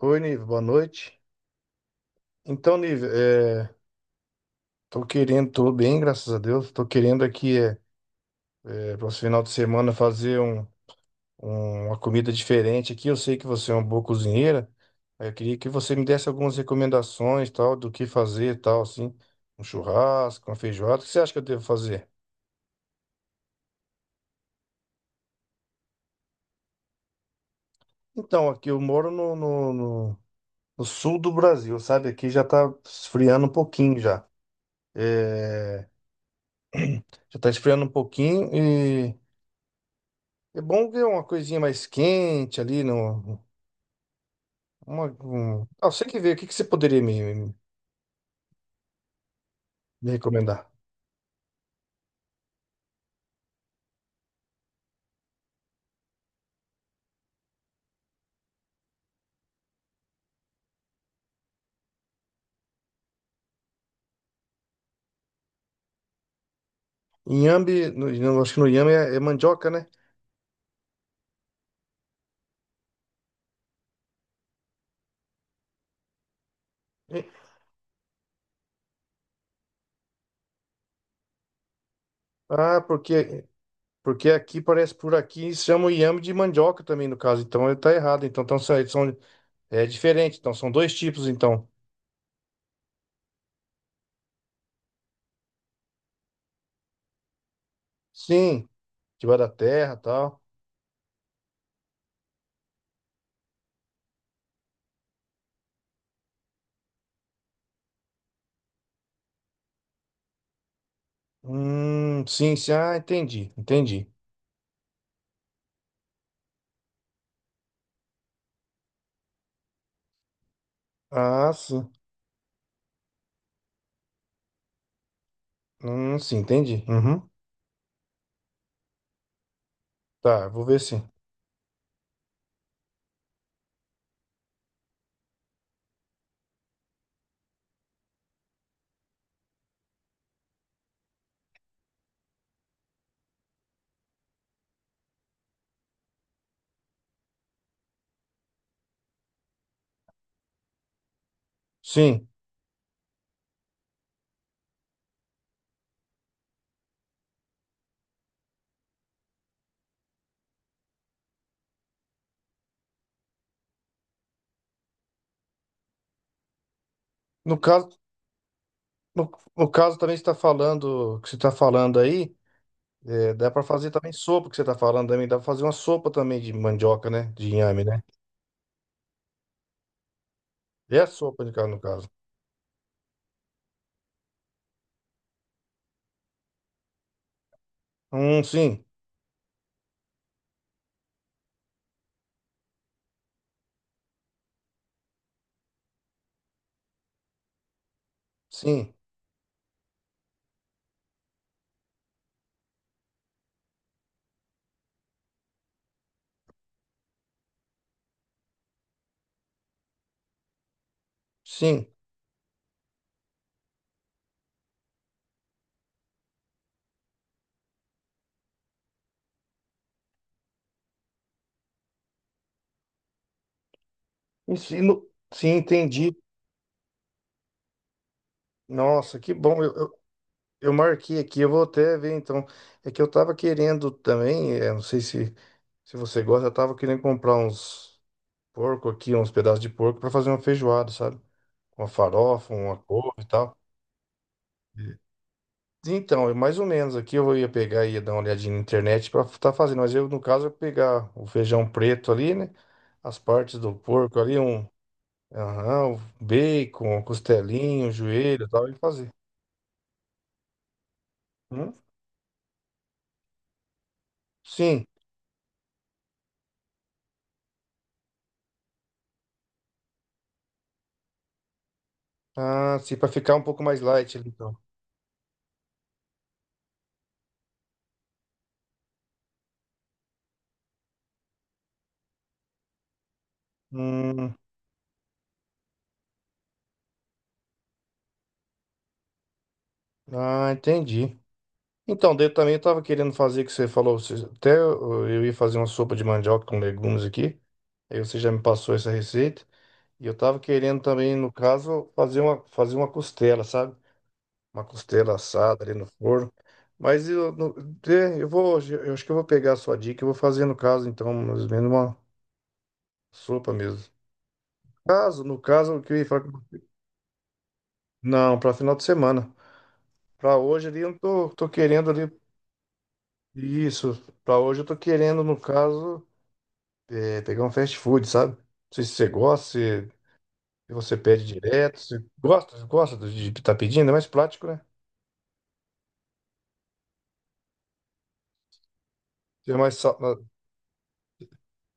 Oi, Nive, boa noite. Então, Nive, tô querendo, tô bem, graças a Deus. Tô querendo aqui, para esse final de semana, uma comida diferente aqui. Eu sei que você é uma boa cozinheira. Aí eu queria que você me desse algumas recomendações, tal, do que fazer, tal, assim. Um churrasco, uma feijoada. O que você acha que eu devo fazer? Então, aqui eu moro no sul do Brasil, sabe? Aqui já tá esfriando um pouquinho já. É, já tá esfriando um pouquinho. É bom ver uma coisinha mais quente ali no. Ah, você que vê, o que que você poderia me recomendar? Inhame, não, acho que no inhame é mandioca, né? E- Ah, porque porque aqui parece por aqui chama o inhame de mandioca também no caso, então ele tá errado. Então, é diferente, então são dois tipos então. Sim, de vai da terra, tal. Sim, sim, ah, entendi, entendi. Ah, sim. Sim, entendi. Uhum. Tá, vou ver sim. Sim. No caso No, no caso também você está falando, que você está falando aí, é, dá para fazer também sopa que você está falando também, dá para fazer uma sopa também de mandioca, né? De inhame, né? É sopa de caso, no caso. Sim, sim, sim. Sim, sim, entendi. Nossa, que bom. Eu marquei aqui, eu vou até ver então. É que eu tava querendo também, é, não sei se, se você gosta, eu tava querendo comprar uns porco aqui, uns pedaços de porco para fazer uma feijoada, sabe? Uma farofa, uma couve e tal. Então, é mais ou menos aqui eu ia pegar e ia dar uma olhadinha na internet para estar fazendo, mas eu, no caso, eu pegar o feijão preto ali, né? As partes do porco ali, um, aham, um bacon, um costelinho, um joelho e tal, e fazer. Hum? Sim. Ah, sim, para ficar um pouco mais light ali, então. Hum, ah, entendi. Então, daí eu também estava querendo fazer o que você falou. Até eu ia fazer uma sopa de mandioca com legumes aqui. Aí você já me passou essa receita. E eu tava querendo também, no caso, fazer uma costela, sabe? Uma costela assada ali no forno. Mas eu, não- é, eu vou, eu acho que eu vou pegar a sua dica e vou fazer no caso, então, mais ou menos uma sopa mesmo. No caso, o que eu ia falar, não, para final de semana. Para hoje ali, eu não tô, tô querendo ali, isso, para hoje eu tô querendo, no caso, é, pegar um fast food, sabe? Não sei se você gosta, se se você pede direto, se gosta, gosta de estar pedindo, é mais prático, né? É mais, sa-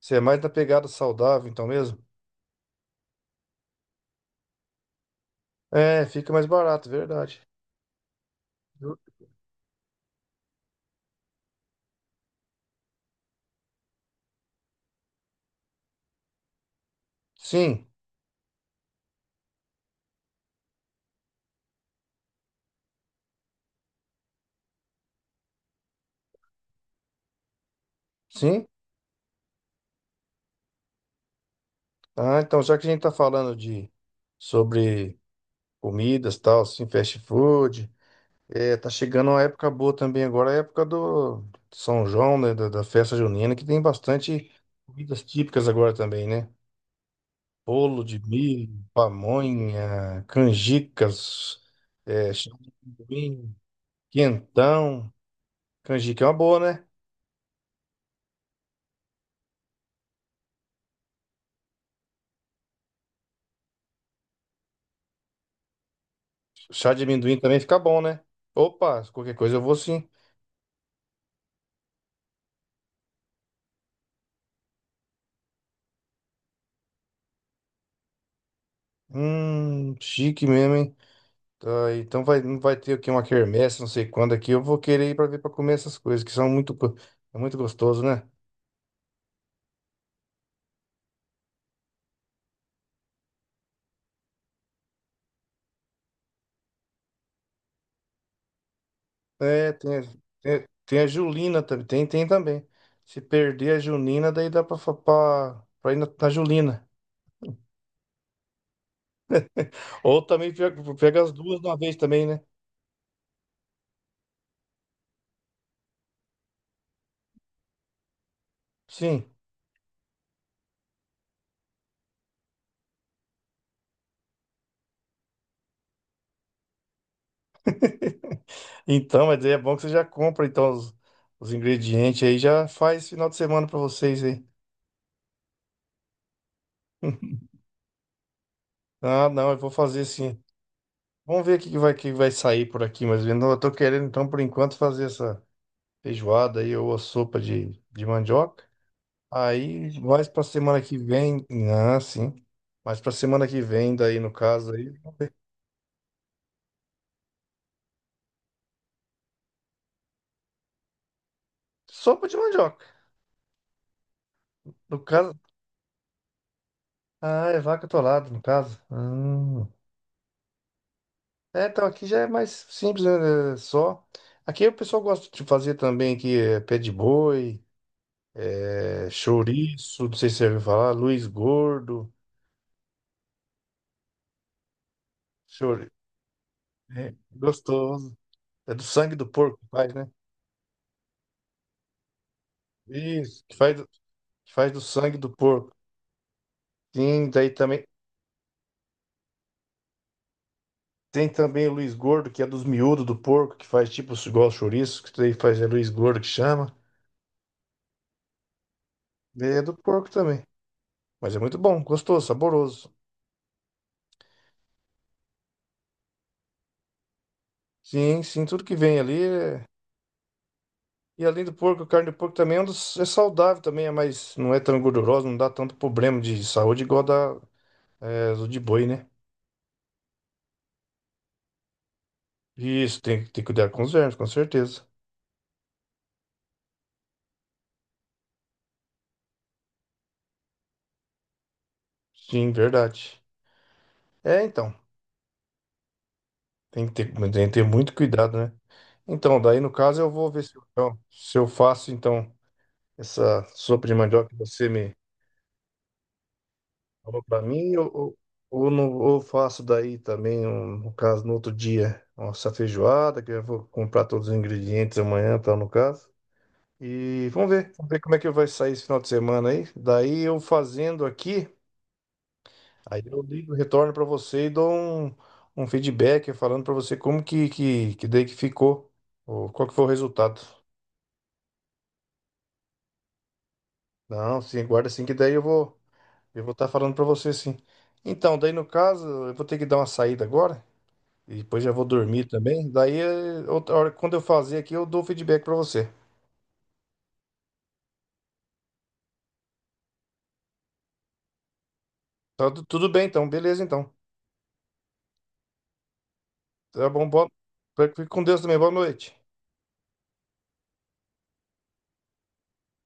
Você é mais da pegada saudável, então mesmo? É, fica mais barato, verdade. Ju- Sim, sim. Ah, então já que a gente tá falando de sobre comidas, tal, assim, fast food, é, tá chegando uma época boa também agora, a época do São João, né, da festa junina, que tem bastante comidas típicas agora também, né? Bolo de milho, pamonha, canjicas, é, chá de amendoim, quentão. Canjica é uma boa, né? Chá de amendoim também fica bom, né? Opa, qualquer coisa eu vou sim. Chique mesmo, hein? Tá, então vai, não vai ter aqui uma quermesse, não sei quando aqui. Eu vou querer ir pra ver pra comer essas coisas, que são muito, go- é muito gostoso, né? É, tem, a- tem, tem a Julina também. Tem, tem também. Se perder a Julina, daí dá pra, fa- pra, pra ir na Julina. Ou também pega, pega as duas de uma vez também, né? Sim. Então, mas aí é bom que você já compra então os ingredientes aí, já faz final de semana pra vocês aí. Ah, não, eu vou fazer sim. Vamos ver o que que vai sair por aqui, mas eu não- eu tô querendo, então, por enquanto, fazer essa feijoada aí ou a sopa de mandioca. Aí, mais pra semana que vem. Ah, sim. Mais pra semana que vem, daí, no caso, aí. Sopa de mandioca. No caso. Ah, é vaca atolada, no caso. Hum. É, então aqui já é mais simples, né? É só. Aqui o pessoal gosta de fazer também aqui é, pé de boi, é, chouriço, não sei se você ouviu falar, Luiz Gordo. Chore. É, gostoso. É do sangue do porco que faz, né? Isso, que faz do sangue do porco. Sim, daí também. Tem também o Luiz Gordo, que é dos miúdos do porco, que faz tipo igual chouriço, que daí faz é Luiz Gordo que chama. É do porco também. Mas é muito bom, gostoso, saboroso. Sim, sim, tudo que vem ali é. E além do porco, a carne do porco também é, é saudável também, é mais, não é tão gordurosa, não dá tanto problema de saúde igual a da, é, do de boi, né? Isso, tem, tem que cuidar com os vermes, com certeza. Sim, verdade. É, então, tem que ter muito cuidado, né? Então, daí no caso eu vou ver se eu, então, se eu faço então essa sopa de mandioca que você me falou para mim ou não, ou faço daí também, no caso, no outro dia, nossa feijoada, que eu vou comprar todos os ingredientes amanhã, tal, no caso. E vamos ver como é que vai sair esse final de semana aí. Daí eu fazendo aqui. Aí eu ligo, retorno para você e dou um, um feedback falando para você como que daí que ficou, ou qual que foi o resultado. Não, sim, guarda sim, que daí eu vou estar falando para você sim. Então, daí no caso, eu vou ter que dar uma saída agora e depois já vou dormir também. Daí eh, outra hora, quando eu fazer aqui, eu dou o feedback para você. Tudo bem então, beleza então. Tá bom, boa, fique com Deus também, boa noite.